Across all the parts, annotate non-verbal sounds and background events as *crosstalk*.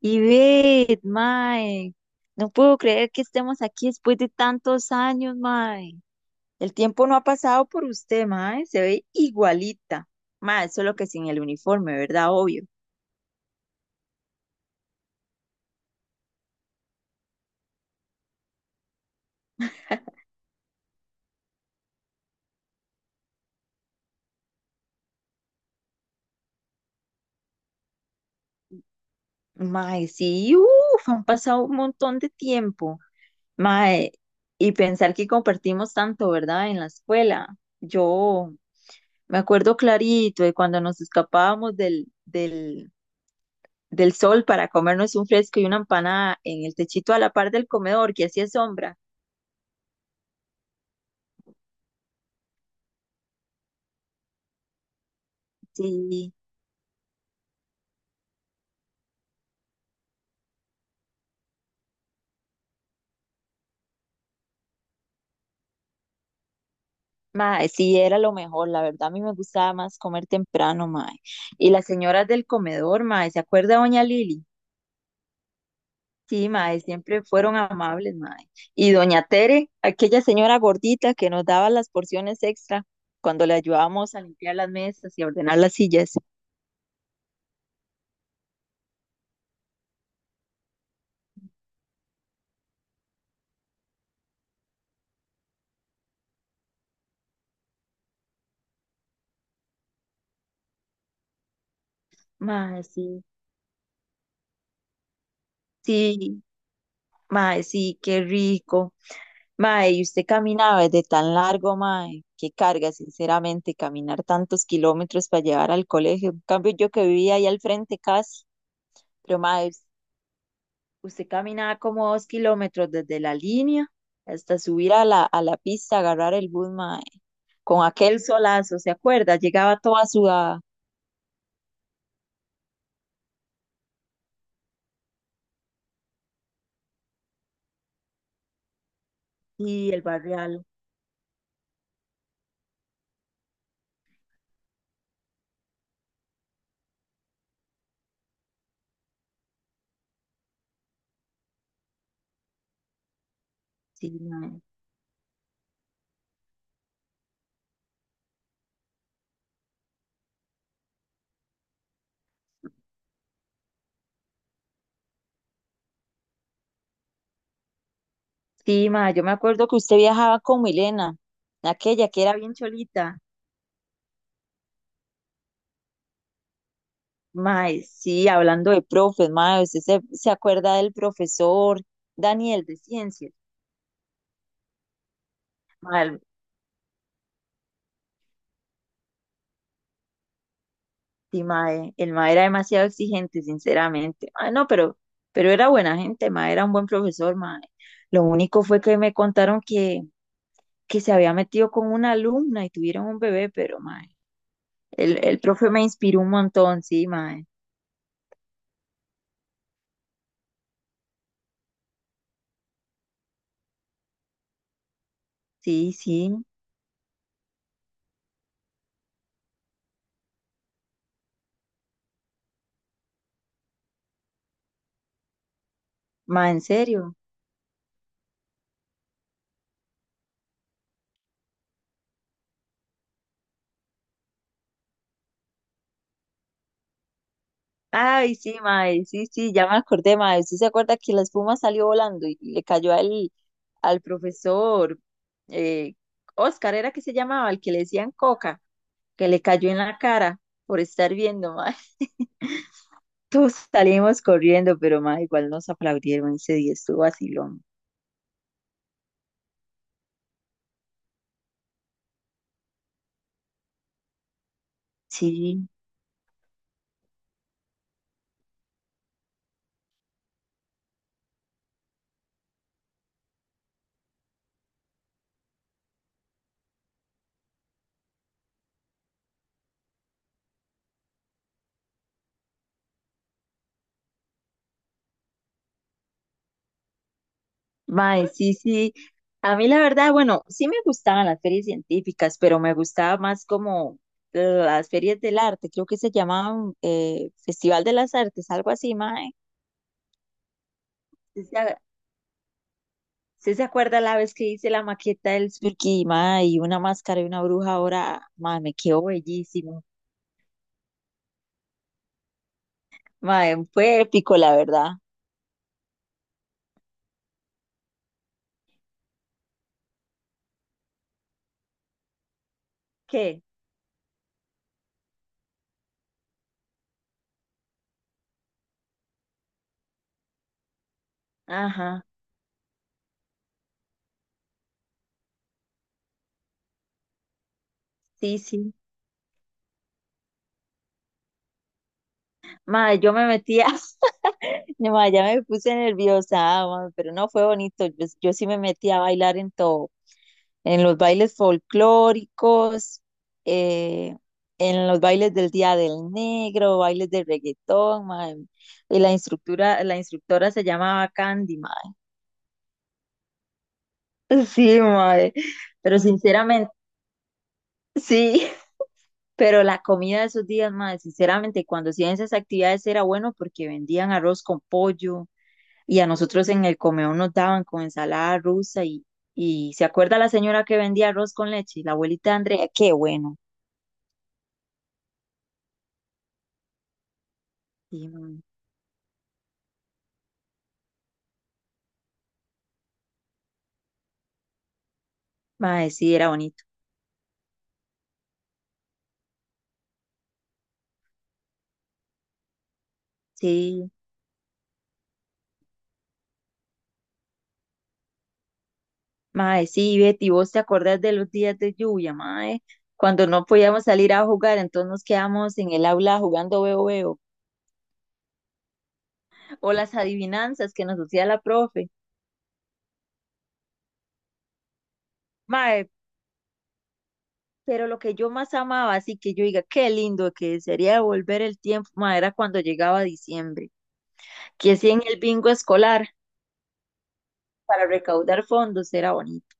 Y ve, mae, no puedo creer que estemos aquí después de tantos años, mae. El tiempo no ha pasado por usted, mae, se ve igualita. Mae, solo que sin el uniforme, ¿verdad? Obvio. Mae, sí, uff, han pasado un montón de tiempo. Mae, y pensar que compartimos tanto, ¿verdad? En la escuela. Yo me acuerdo clarito de cuando nos escapábamos del sol para comernos un fresco y una empanada en el techito a la par del comedor, que así es sombra. Sí, mae, sí, era lo mejor, la verdad a mí me gustaba más comer temprano, mae. Y las señoras del comedor, mae, ¿se acuerda doña Lili? Sí, mae, siempre fueron amables, mae. Y doña Tere, aquella señora gordita que nos daba las porciones extra cuando le ayudábamos a limpiar las mesas y a ordenar las sillas. Mae, sí, sí, mae, sí, qué rico. Mae, y usted caminaba desde tan largo, mae, qué carga, sinceramente, caminar tantos kilómetros para llevar al colegio. En cambio, yo que vivía ahí al frente casi, pero mae, usted caminaba como 2 kilómetros desde la línea hasta subir a la pista, agarrar el bus, mae, con aquel solazo, ¿se acuerda? Llegaba toda sudada. Sí, el barrial, sí, mae. Sí, mae, yo me acuerdo que usted viajaba con Milena, aquella que era bien cholita. Mae, sí, hablando de profes, mae, ¿usted se acuerda del profesor Daniel de ciencias? Mae, el, sí, mae, el mae era demasiado exigente, sinceramente. Mae, no, pero era buena gente, mae, era un buen profesor, mae. Lo único fue que me contaron que se había metido con una alumna y tuvieron un bebé, pero mae, el profe me inspiró un montón, sí, mae. Sí, sí, mae, en serio. Ay, sí, mae, sí, sí, ya me acordé, mae. ¿Sí se acuerda que la espuma salió volando y le cayó al, al profesor eh, Oscar, era que se llamaba, el que le decían Coca, que le cayó en la cara por estar viendo, mae? *laughs* Todos salimos corriendo, pero mae, igual nos aplaudieron ese día, estuvo vacilón. Sí. Mae, sí, sí. A mí la verdad, bueno, sí me gustaban las ferias científicas, pero me gustaba más como las ferias del arte, creo que se llamaban Festival de las Artes, algo así, mae. ¿Sí se, a- sí se acuerda la vez que hice la maqueta del Spooky, mae, y una máscara y una bruja ahora, mae, me quedó bellísimo. Mae, fue épico, la verdad. ¿Qué? Ajá, sí, sí. Mae, yo me metía. *laughs* No, ma, ya me puse nerviosa, ah, pero no fue bonito. Yo sí me metí a bailar en todo, en los bailes folclóricos, eh, en los bailes del Día del Negro, bailes de reggaetón, mae. Y la instructora se llamaba Candy, mae. *laughs* Sí, mae. Pero sinceramente, sí. *laughs* Pero la comida de esos días, mae, sinceramente, cuando hacían esas actividades era bueno porque vendían arroz con pollo y a nosotros en el comedor nos daban con ensalada rusa y ¿se acuerda la señora que vendía arroz con leche? La abuelita Andrea, qué bueno. Sí, mae. Mae, sí, era bonito. Sí, mae, sí, Betty, vos te acordás de los días de lluvia, mae, cuando no podíamos salir a jugar, entonces nos quedamos en el aula jugando veo veo, o las adivinanzas que nos hacía la profe. Mae, pero lo que yo más amaba, así que yo diga, qué lindo que sería volver el tiempo, mae, era cuando llegaba diciembre, que sí en el bingo escolar para recaudar fondos era bonito.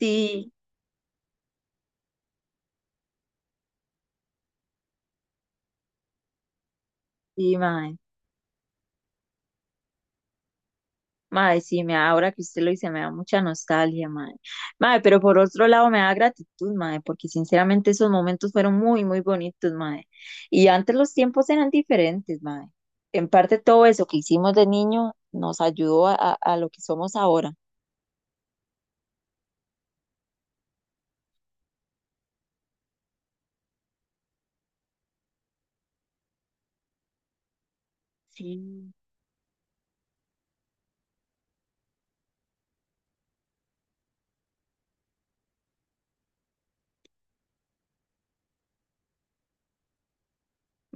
Sí, sí, mae. Mae, ahora que usted lo dice, me da mucha nostalgia, mae. Mae, pero por otro lado me da gratitud, mae, porque sinceramente esos momentos fueron muy, muy bonitos, mae. Y antes los tiempos eran diferentes, mae. En parte todo eso que hicimos de niño nos ayudó a, a lo que somos ahora. Sí.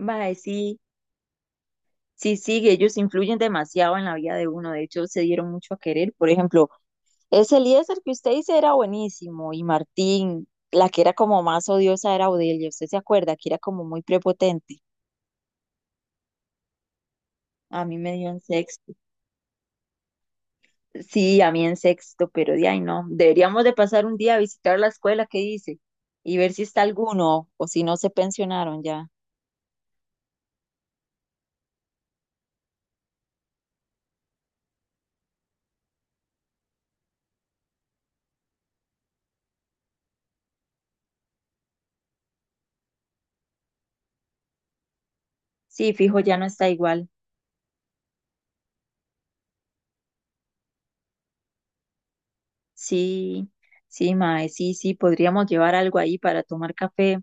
Mae, sí, sí, sí, ellos influyen demasiado en la vida de uno. De hecho, se dieron mucho a querer. Por ejemplo, ese Eliezer que usted dice era buenísimo y Martín, la que era como más odiosa era Odelia, ¿usted se acuerda? Que era como muy prepotente. A mí me dio en sexto. Sí, a mí en sexto, pero de ahí no. Deberíamos de pasar un día a visitar la escuela que dice y ver si está alguno o si no se pensionaron ya. Sí, fijo, ya no está igual. Sí, sí, mae, sí, sí, podríamos llevar algo ahí para tomar café.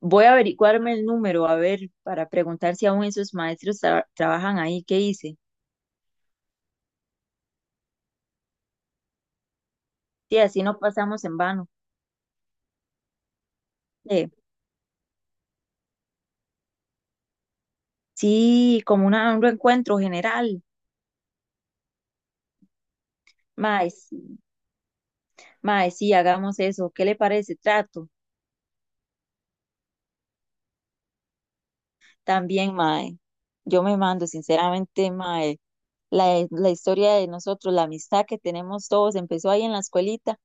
Voy a averiguarme el número, a ver, para preguntar si aún esos maestros trabajan ahí, ¿qué dice? Sí, así no pasamos en vano. Eh, sí, como un reencuentro general. Mae, sí, mae, sí, hagamos eso. ¿Qué le parece? Trato. También, mae, yo me mando, sinceramente, mae, la historia de nosotros, la amistad que tenemos todos, empezó ahí en la escuelita.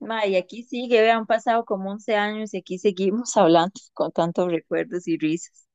Mae, y aquí sigue, vean, han pasado como 11 años y aquí seguimos *laughs* hablando con tantos recuerdos y risas.